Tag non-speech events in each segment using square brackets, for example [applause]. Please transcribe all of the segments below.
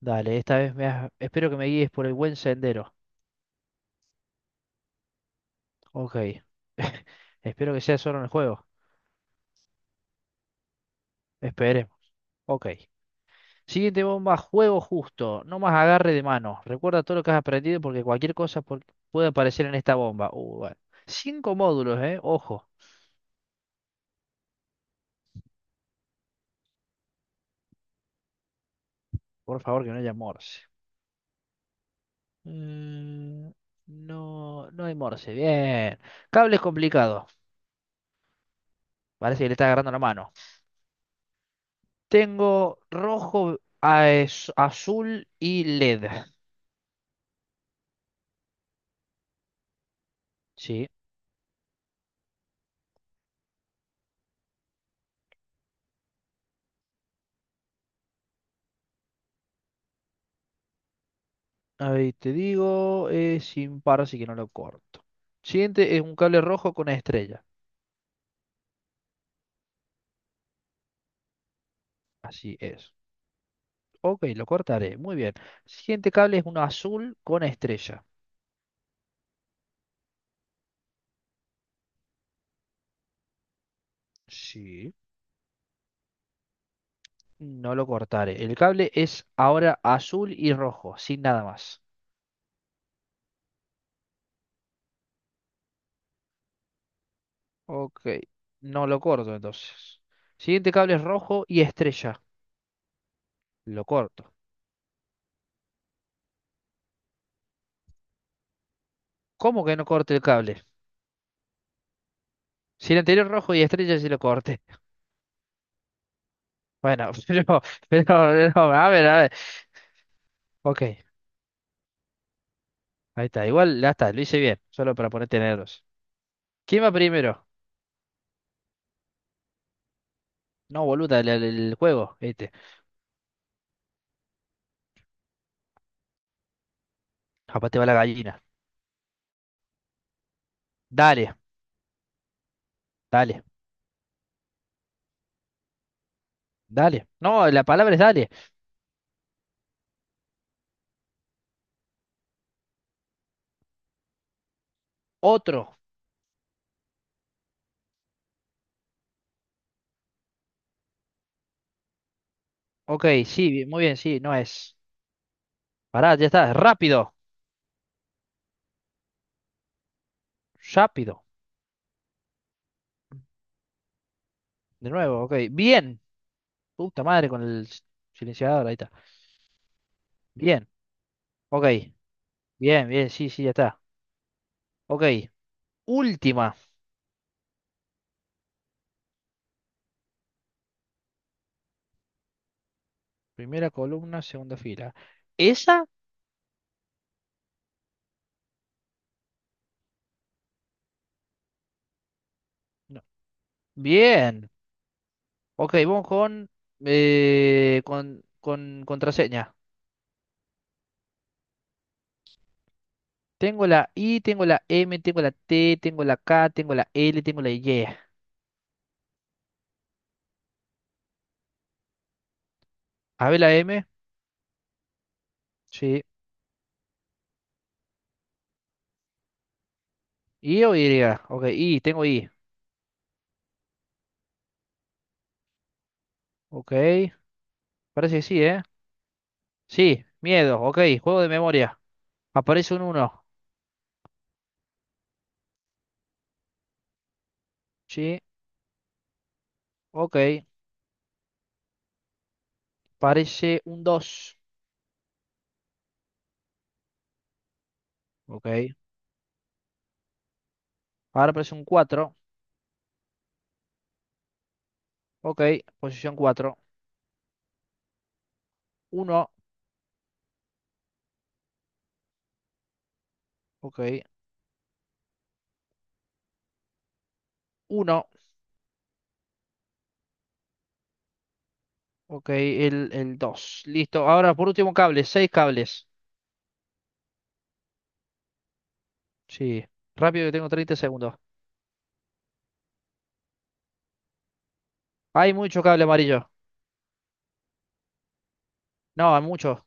Dale, esta vez espero que me guíes por el buen sendero. Ok. [laughs] Espero que sea solo en el juego. Esperemos. Ok. Siguiente bomba, juego justo. No más agarre de mano. Recuerda todo lo que has aprendido porque puede aparecer en esta bomba. Bueno. 5 módulos, ¿eh? Ojo. Por favor, que no haya morse. Mm, no, no hay morse. Bien. Cables complicados. Parece que le está agarrando la mano. Tengo rojo, azul y LED. Sí. A ver, te digo, es sin par, así que no lo corto. Siguiente es un cable rojo con estrella. Así es. Ok, lo cortaré. Muy bien. Siguiente cable es uno azul con estrella. Sí. No lo cortaré. El cable es ahora azul y rojo, sin nada más. Ok, no lo corto entonces. Siguiente cable es rojo y estrella. Lo corto. ¿Cómo que no corte el cable? Si el anterior rojo y estrella sí lo corté. Bueno, [laughs] pero, no, a ver, a ver. Ok. Ahí está, igual ya está, lo hice bien, solo para ponerte nervioso. ¿Quién va primero? No, boluda, el juego, este. Capaz te va la gallina. Dale, dale, dale. No, la palabra es dale. Otro. Ok, sí, bien, muy bien, sí, no es. Pará, ya está, rápido, rápido. De nuevo, ok, bien. Puta madre con silenciador, ahí está. Bien, ok, bien, bien, sí, sí, ya está. Ok, última. Primera columna, segunda fila. ¿Esa? No. Bien. Ok, vamos con, con contraseña. Tengo la I, tengo la M, tengo la T, tengo la K, tengo la L, tengo la Y. A ver la M. Sí. ¿I o Y? Ok, I, tengo I. Ok, parece que sí, ¿eh? Sí, miedo. Ok, juego de memoria. Aparece un uno. Sí, ok. Parece un dos. Ok. Ahora aparece un cuatro. Ok, posición cuatro. Uno. Ok. Uno. Ok, el 2, listo. Ahora, por último, cables. Seis cables. Sí. Rápido que tengo 30 segundos. Hay mucho cable amarillo. No, hay muchos.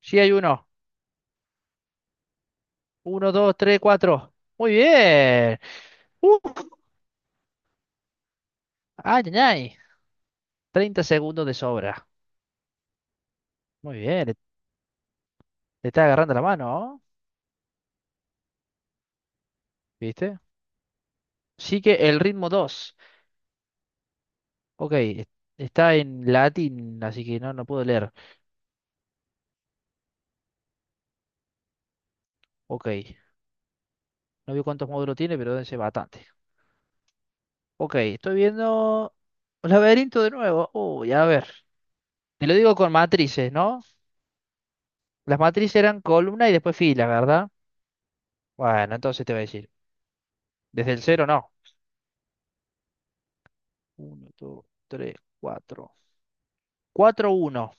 Sí, hay uno. Uno, 2, 3, 4. Muy bien. ¡Uf! Ay, ay, ay. 30 segundos de sobra. Muy bien. Le está agarrando la mano, ¿no? ¿Viste? Sí que el ritmo 2. Ok. Está en latín, así que no, no puedo leer. Ok. No veo cuántos módulos tiene, pero debe ser bastante. Ok, estoy viendo un laberinto de nuevo. Uy, a ver. Te lo digo con matrices, ¿no? Las matrices eran columna y después fila, ¿verdad? Bueno, entonces te voy a decir. Desde el cero no. Uno, dos, tres, cuatro. Cuatro, uno.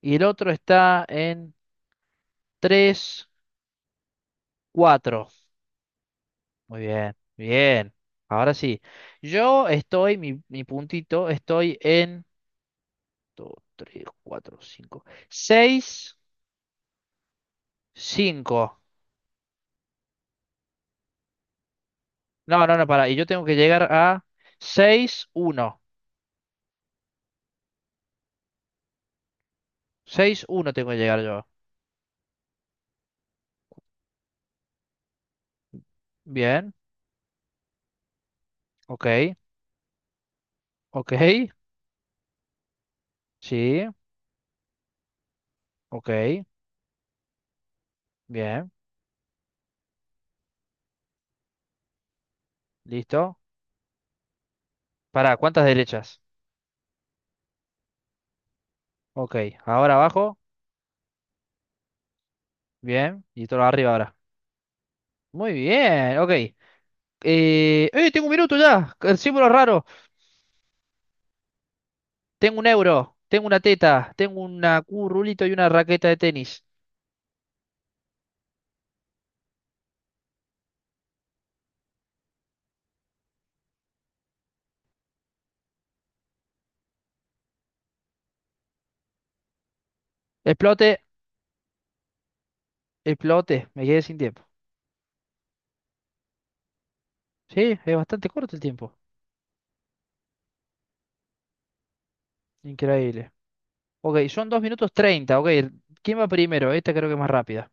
Y el otro está en tres, cuatro. Muy bien, bien. Ahora sí. Yo estoy, mi puntito, estoy en dos, tres, cuatro, cinco. Seis, cinco. No, no, no, para. Y yo tengo que llegar a seis uno. Seis uno tengo que llegar yo. Bien. Ok. Ok. Sí. Ok. Bien. Listo. Para, ¿cuántas derechas? Ok. Ahora abajo. Bien. Y todo arriba ahora. Muy bien. Ok. ¡Eh! Tengo un minuto ya. El símbolo raro. Tengo un euro. Tengo una teta. Tengo una cu, rulito y una raqueta de tenis. Explote. Explote. Me quedé sin tiempo. Sí, es bastante corto el tiempo. Increíble. Ok, son 2 minutos 30. Ok, ¿quién va primero? Esta creo que es más rápida.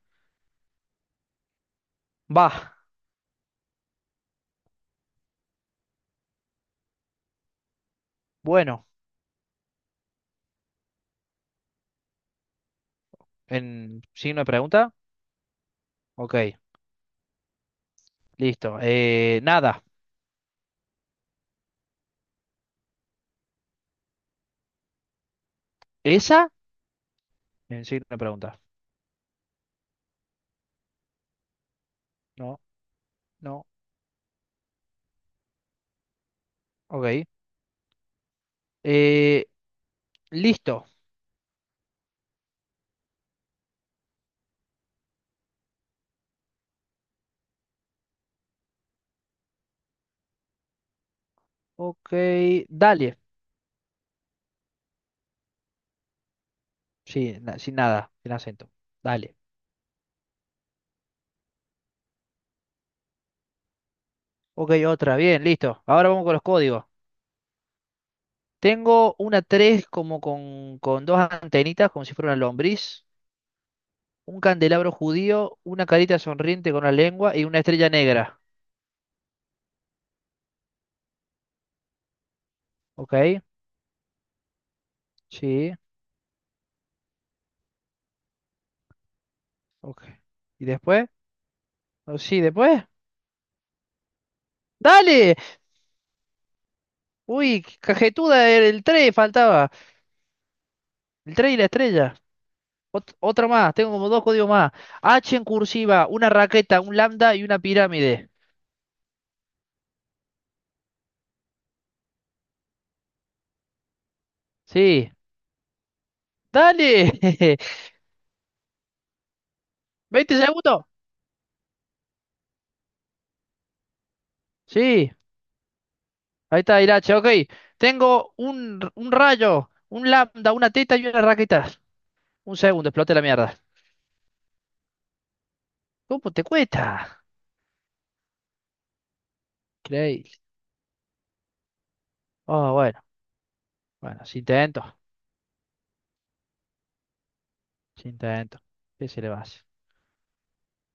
Va, bueno, en signo de pregunta. Ok, listo. Nada, ¿esa? En signo de pregunta. No, no, ok. Eh, listo. Ok, dale. Sí, sin nada, sin acento. Dale. Ok, otra, bien, listo. Ahora vamos con los códigos. Tengo una 3 como con dos antenitas, como si fuera una lombriz. Un candelabro judío, una carita sonriente con la lengua y una estrella negra. Ok, sí, ok. ¿Y después? Oh, sí, después. ¡Dale! Uy, qué cajetuda, era el 3 faltaba. El 3 y la estrella. Otra más, tengo como dos códigos más. H en cursiva, una raqueta, un lambda y una pirámide. Sí. ¡Dale! [laughs] ¿20 segundos? Sí. Ahí está el H, ok. Tengo un rayo, un lambda, una teta y una raqueta. Un segundo, explote la mierda. ¿Cómo te cuesta? Increíble. Oh, bueno, bueno, si intento, si intento. ¿Qué se le va a hacer?